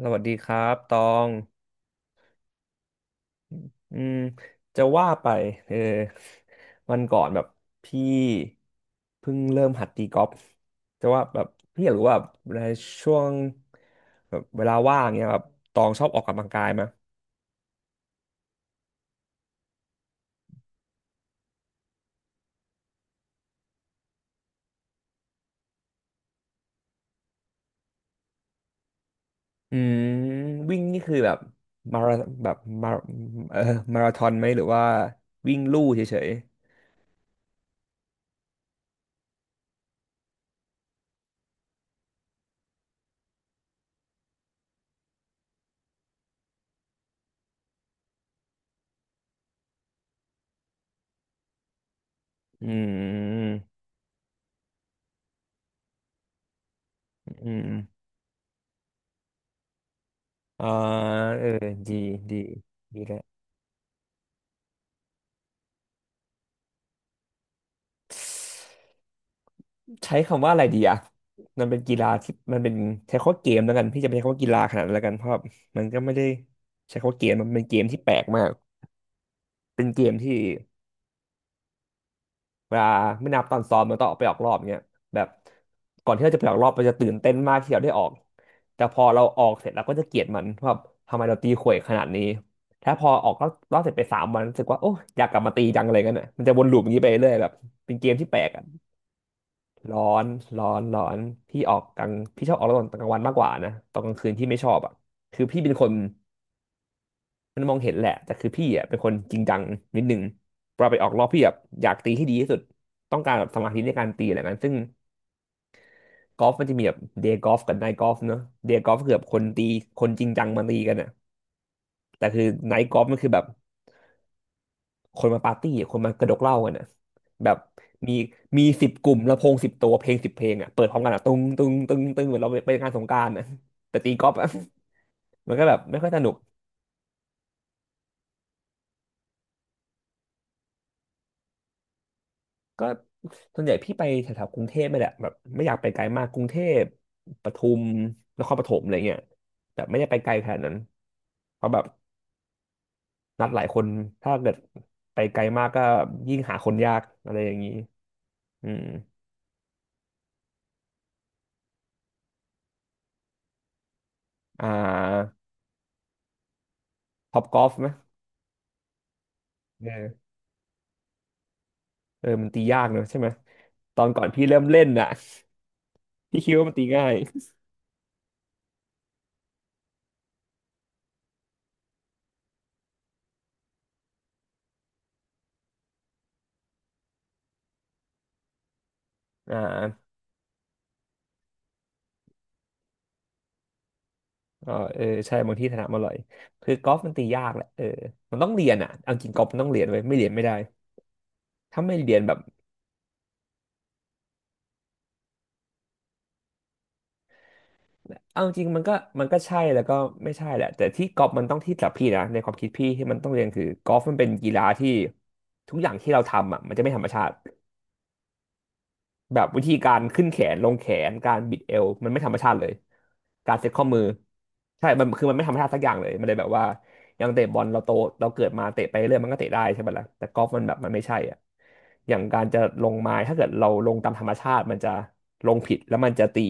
สวัสดีครับตองอืมจะว่าไปเออวันก่อนแบบพี่เพิ่งเริ่มหัดตีกอล์ฟจะว่าแบบพี่อยากรู้ว่าในช่วงแบบเวลาว่างเนี้ยแบบตองชอบออกกำลังกายไหมอืมวิ่งนี่คือแบบมาราแบบมาเออมาราธอนไหมหรือว่าวิ่งลู่เฉยๆอืมอืมอ่าเออดีดีดีแล้ว ใช้คำว่าอะไรดีอะมันเป็นกีฬาที่มันเป็นใช้คำว่าเกมแล้วกันพี่จะไม่ใช้คำว่ากีฬาขนาดนั้นแล้วกันเพราะมันก็ไม่ได้ใช้คำว่าเกมมันเป็นเกมที่แปลกมากเป็นเกมที่เวลาไม่นับตอนซ้อมมันต้องออกไปออกรอบเงี้ยแบบก่อนที่เราจะไปออกรอบเราจะตื่นเต้นมากที่เราได้ออกแต่พอเราออกเสร็จเราก็จะเกลียดมันว่าทำไมเราตีข่วยขนาดนี้ถ้าพอออกรอบเสร็จไป3 วันรู้สึกว่าโอ้ยอยากกลับมาตีจังอะไรกันอ่ะมันจะวนลูปอย่างนี้ไปเรื่อยแบบเป็นเกมที่แปลก ร้อนร้อนร้อนพี่ออกกลางพี่ชอบออกตอนกลางวันมากกว่านะตอนกลางคืนพี่ไม่ชอบอ่ะคือพี่เป็นคนมันมองเห็นแหละแต่คือพี่อ่ะเป็นคนจริงจังนิดนึงเวลาไปออกรอบพี่แบบอยากตีให้ดีที่สุดต้องการแบบสมาธิในการตีอะไรแบบนั้นซึ่งกอล์ฟมันจะมีแบบเดย์กอล์ฟกับไนท์กอล์ฟเนอะเดย์กอล์ฟคือแบบคนตีคนจริงจังมาตีกันอ่ะแต่คือไนท์กอล์ฟมันคือแบบ คนมาปาร์ตี้อะคนมากระดกเหล้ากันนะแบบมีมี10 กลุ่มลำโพง10 ตัวเพลง10 เพลงอ่ะเปิดพร้อมกันอ่ะตึ้งตึ้งตึ้งตึ้งเหมือนเราไปงานสงกรานต์นะแต่ตีกอล์ฟอะ มันก็แบบไม่ค่อยสนุกก็ส่วนใหญ่พี่ไปแถวๆกรุงเทพไม่แหละแบบไม่อยากไปไกลมากกรุงเทพปทุมนครปฐมอะไรเงี้ยแบบไม่ได้ไปไกลขนาดนั้นเพราะแบบนัดหลายคนถ้าเกิดไปไกลมากก็ยิ่งหาคนยากอะไรอย่างนี้อืมอ่าท็อปกอล์ฟไหม เออมันตียากเนอะใช่ไหมตอนก่อนพี่เริ่มเล่นน่ะ พี่คิดว่ามันตีง่าย อ่าอ๋อเออใช่บางที่ถนัดมาอร่อยคือกอล์ฟมันตียากแหละเออมันต้องเรียนอ่ะเอาจริงกอล์ฟมันต้องเรียนไว้ยไม่เรียนไม่ได้ถ้าไม่เรียนแบบเอาจริงมันก็ใช่แล้วก็ไม่ใช่แหละแต่ที่กอล์ฟมันต้องที่สำหรับพี่นะในความคิดพี่ที่มันต้องเรียนคือกอล์ฟมันเป็นกีฬาที่ทุกอย่างที่เราทำอ่ะมันจะไม่ธรรมชาติ แบบวิธีการขึ้นแขนลงแขนการบิดเอวมันไม่ธรรมชาติเลยการเซ็ตข้อมือใช่มันไม่ธรรมชาติสักอย่างเลยมันเลยแบบว่าอย่างเตะบอลเราโตเราเกิดมาเตะไปเรื่อยมันก็เตะได้ใช่ไหมล่ะแต่กอล์ฟมันแบบมันไม่ใช่อ่ะอย่างการจะลงไม้ถ้าเกิดเราลงตามธรรมชาติมันจะลงผิดแล้วมันจะตี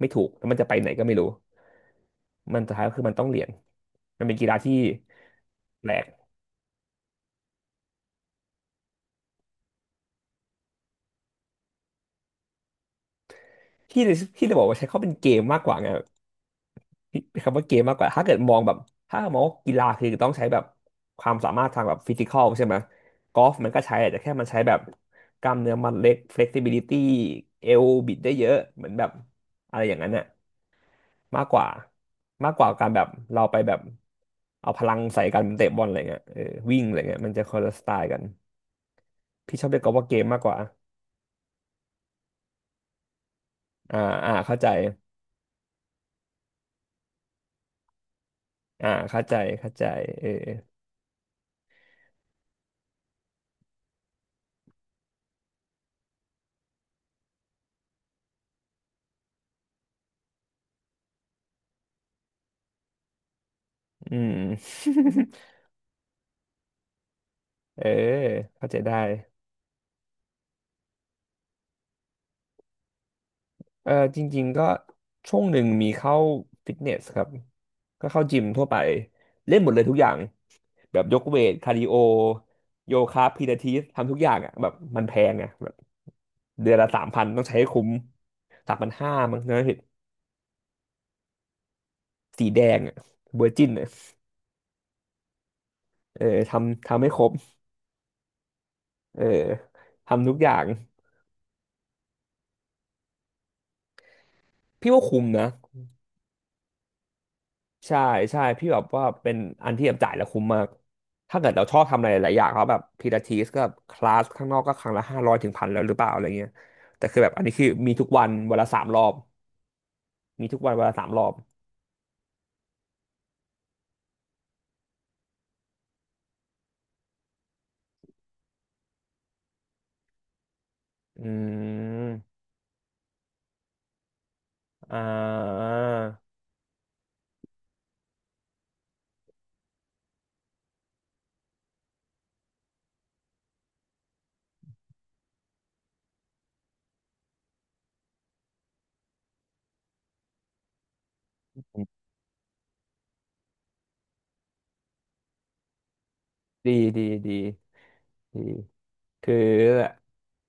ไม่ถูกแล้วมันจะไปไหนก็ไม่รู้มันสุดท้ายก็คือมันต้องเหรียนมันเป็นกีฬาที่แปลกที่ที่จะบอกว่าใช้เขาเป็นเกมมากกว่าไง คำว่าเกมมากกว่าถ้าเกิดมองแบบถ้ามองว่ากีฬาคือต้องใช้แบบความสามารถทางแบบฟิสิคอลใช่ไหมกอล์ฟมันก็ใช้แหละแต่แค่มันใช้แบบกล้ามเนื้อมัดเล็ก flexibility เอวบิดได้เยอะเหมือนแบบอะไรอย่างนั้นน่ะมากกว่ามากกว่าการแบบเราไปแบบเอาพลังใส่กันเตะบอลอะไรเงี้ยเออวิ่งอะไรเงี้ยมันจะคนละสไตล์กันพี่ชอบเรียกกอล์ฟว่าเกมมากกว่าอ่าอ่าเข้าใจอ่าเข้าใจเข้าใจเอออืม เออเข้าใจได้ เออจริงๆก็ช่วงหนึ่งมีเข้าฟิตเนสครับก็เข้าจิมทั่วไปเล่นหมดเลยทุกอย่างแบบยกเวทคาร์ดิโอโยคะพิลาทิสทำทุกอย่างอ่ะแบบมันแพงอ่ะแบบเดือนละสามพันต้องใช้ให้คุ้ม3,500มั้งนะเหสีแดงอ่ะเวอร์จินอ่ะเออทำให้ครบเออทุกอย่างพี่ว่าคุ้มนะ ใช่ใช่พี่แบบว่าเป็นอันที่แบบจ่ายแล้วคุ้มมากถ้าเกิดเราชอบทำอะไรหลายๆอย่างเขาแบบพิลาทิสก็คลาสข้างนอกก็ครั้งละห้าร้อยถึงพันแล้วหรือเปล่าอะไรเงี้ยแต่คือแบบอันนี้คือมีทุกวันวันละสามรอบมีทุกวันวันละสามรอบอืมอ่า ดีดีดีดีคือ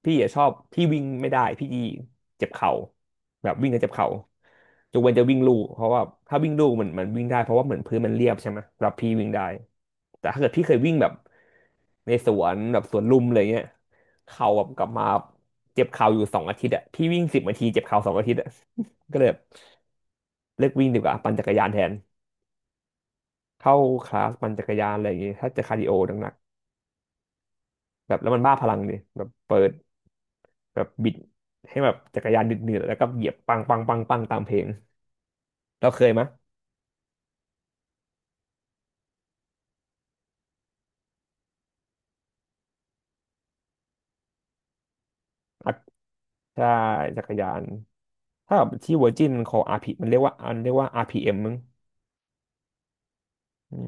พี่อะชอบพี่วิ่งไม่ได้พี่เจ็บเข่าแบบวิ่งแล้วเจ็บเข่ายกเว้นจะวิ่งลู่เพราะว่าถ้าวิ่งลู่มันวิ่งได้เพราะว่าเหมือนพื้นมันเรียบใช่ไหมแล้วพี่วิ่งได้แต่ถ้าเกิดพี่เคยวิ่งแบบในสวนแบบสวนลุมอะไรเงี้ยเข่าแบบกลับมาเจ็บเข่าอยู่สองอาทิตย์อะพี่วิ่งสิบนาทีเจ็บเข่าสองอาทิตย์อะ ก็เลยแบบเลิกวิ่งดีกว่าปั่นจักรยานแทนเข้าคลาสปั่นจักรยานอะไรอย่างงี้ถ้าจะคาร์ดิโอหนักๆ แบบแล้วมันบ้าพลังดิแบบเปิดแบบบิดให้แบบจักรยานดืดๆแล้วก็เหยียบปังปังปังปังตามเพลงเราเคยไหมอักถ้าจักรยานถ้าแบบที่เวอร์จินของ RP มันเรียกว่าเรียกว่า RPM มมั้งอืม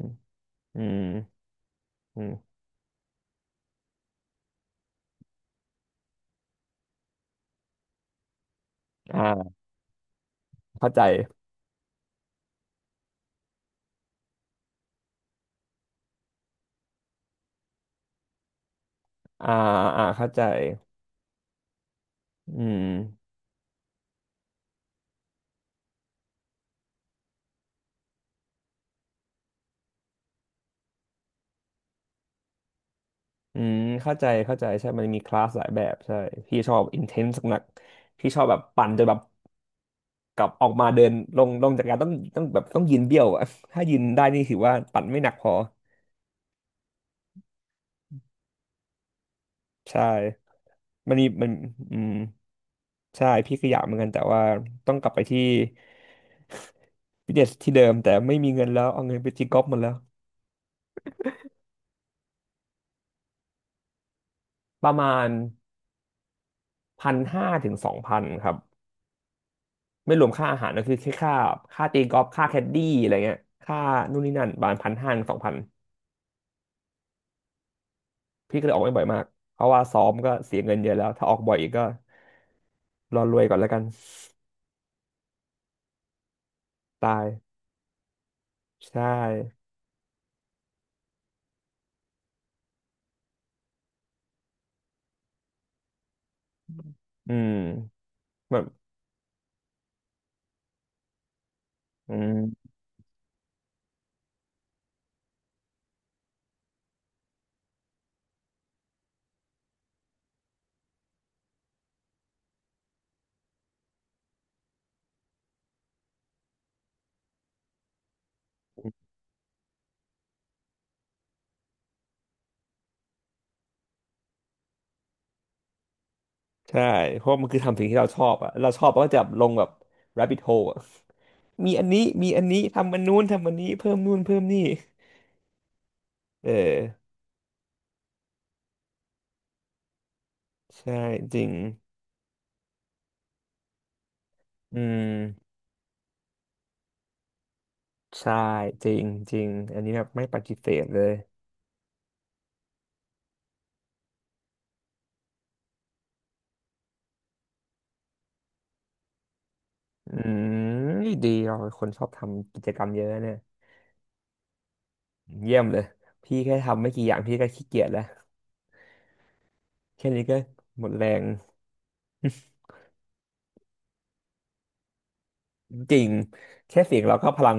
อืมอืมอ่าเข้าใจอ่าเข้าใจอืมอืมเข้าใจใช่มันมีคลาสหลายแบบใช่พี่ชอบ intense หนักๆพี่ชอบแบบปั่นจนแบบ กลับออกมาเดินลงลงจากการต้องยืนเบี้ยวอะ ถ้ายืนได้นี่ถือว่าปั่นไม่หนักพอใช่มันมีอืมใช่พี่ก็อยากเหมือนกันแต่ว่าต้องกลับไปที่ ฟิตเนสที่เดิมแต่ไม่มีเงินแล้วเอาเงินไปตีกอล์ฟหมดแล้วประมาณพันห้าถึงสองพันครับไม่รวมค่าอาหารก็คือแค่ค่าตีกอล์ฟค่าแคดดี้อะไรเงี้ยค่านู่นนี่นั่นประมาณพันห้าถึงสองพันพี่ก็เลยออกไม่บ่อยมากเพราะว่าซ้อมก็เสียเงินเยอะแล้วถ้าออกบ่อยอีกก็รอรวยก่อนแล้วกัน ตายใช่อืมแบบอืมใช่เพราะมันคือทำสิ่งที่เราชอบอะเราชอบเราก็จะลงแบบ rabbit hole อะ มีอันนี้มีอันนี้ทำอันนู้นทำอันนี้เพิ่มนู่นเพิ่มนี่เออใช่จริงอืมใช่จริงจริงอันนี้แบบไม่ปฏิเสธเลยอืมดีเราเป็นคนชอบทำกิจกรรมเยอะเนี่ยเยี่ยมเลยพี่แค่ทำไม่กี่อย่างพี่ก็ขี้เกียจแล้วแค่นี้ก็หมดแรง จริงแค่เสียงเราก็พลัง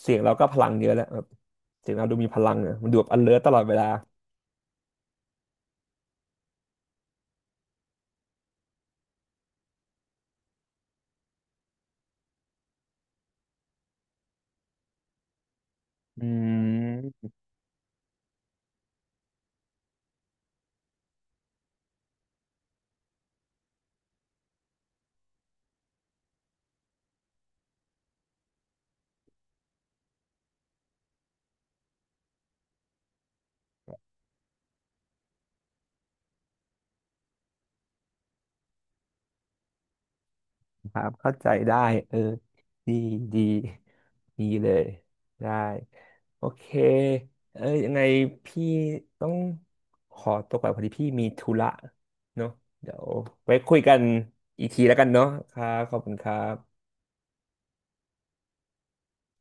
เสียงเราก็พลังเยอะแล้วแบบเสียงเราดูมีพลังอ่ะมันดูแบบ alert ตลอดเวลาอืมครับเข้าใจได้เออดีดีดีเลยได้โอเคเออยังไงพี่ต้องขอตัวไปพอดีพี่มีธุระเนาะเดี๋ยวไว้คุยกันอีกทีแล้วกันเนาะครับขอบคุณครับ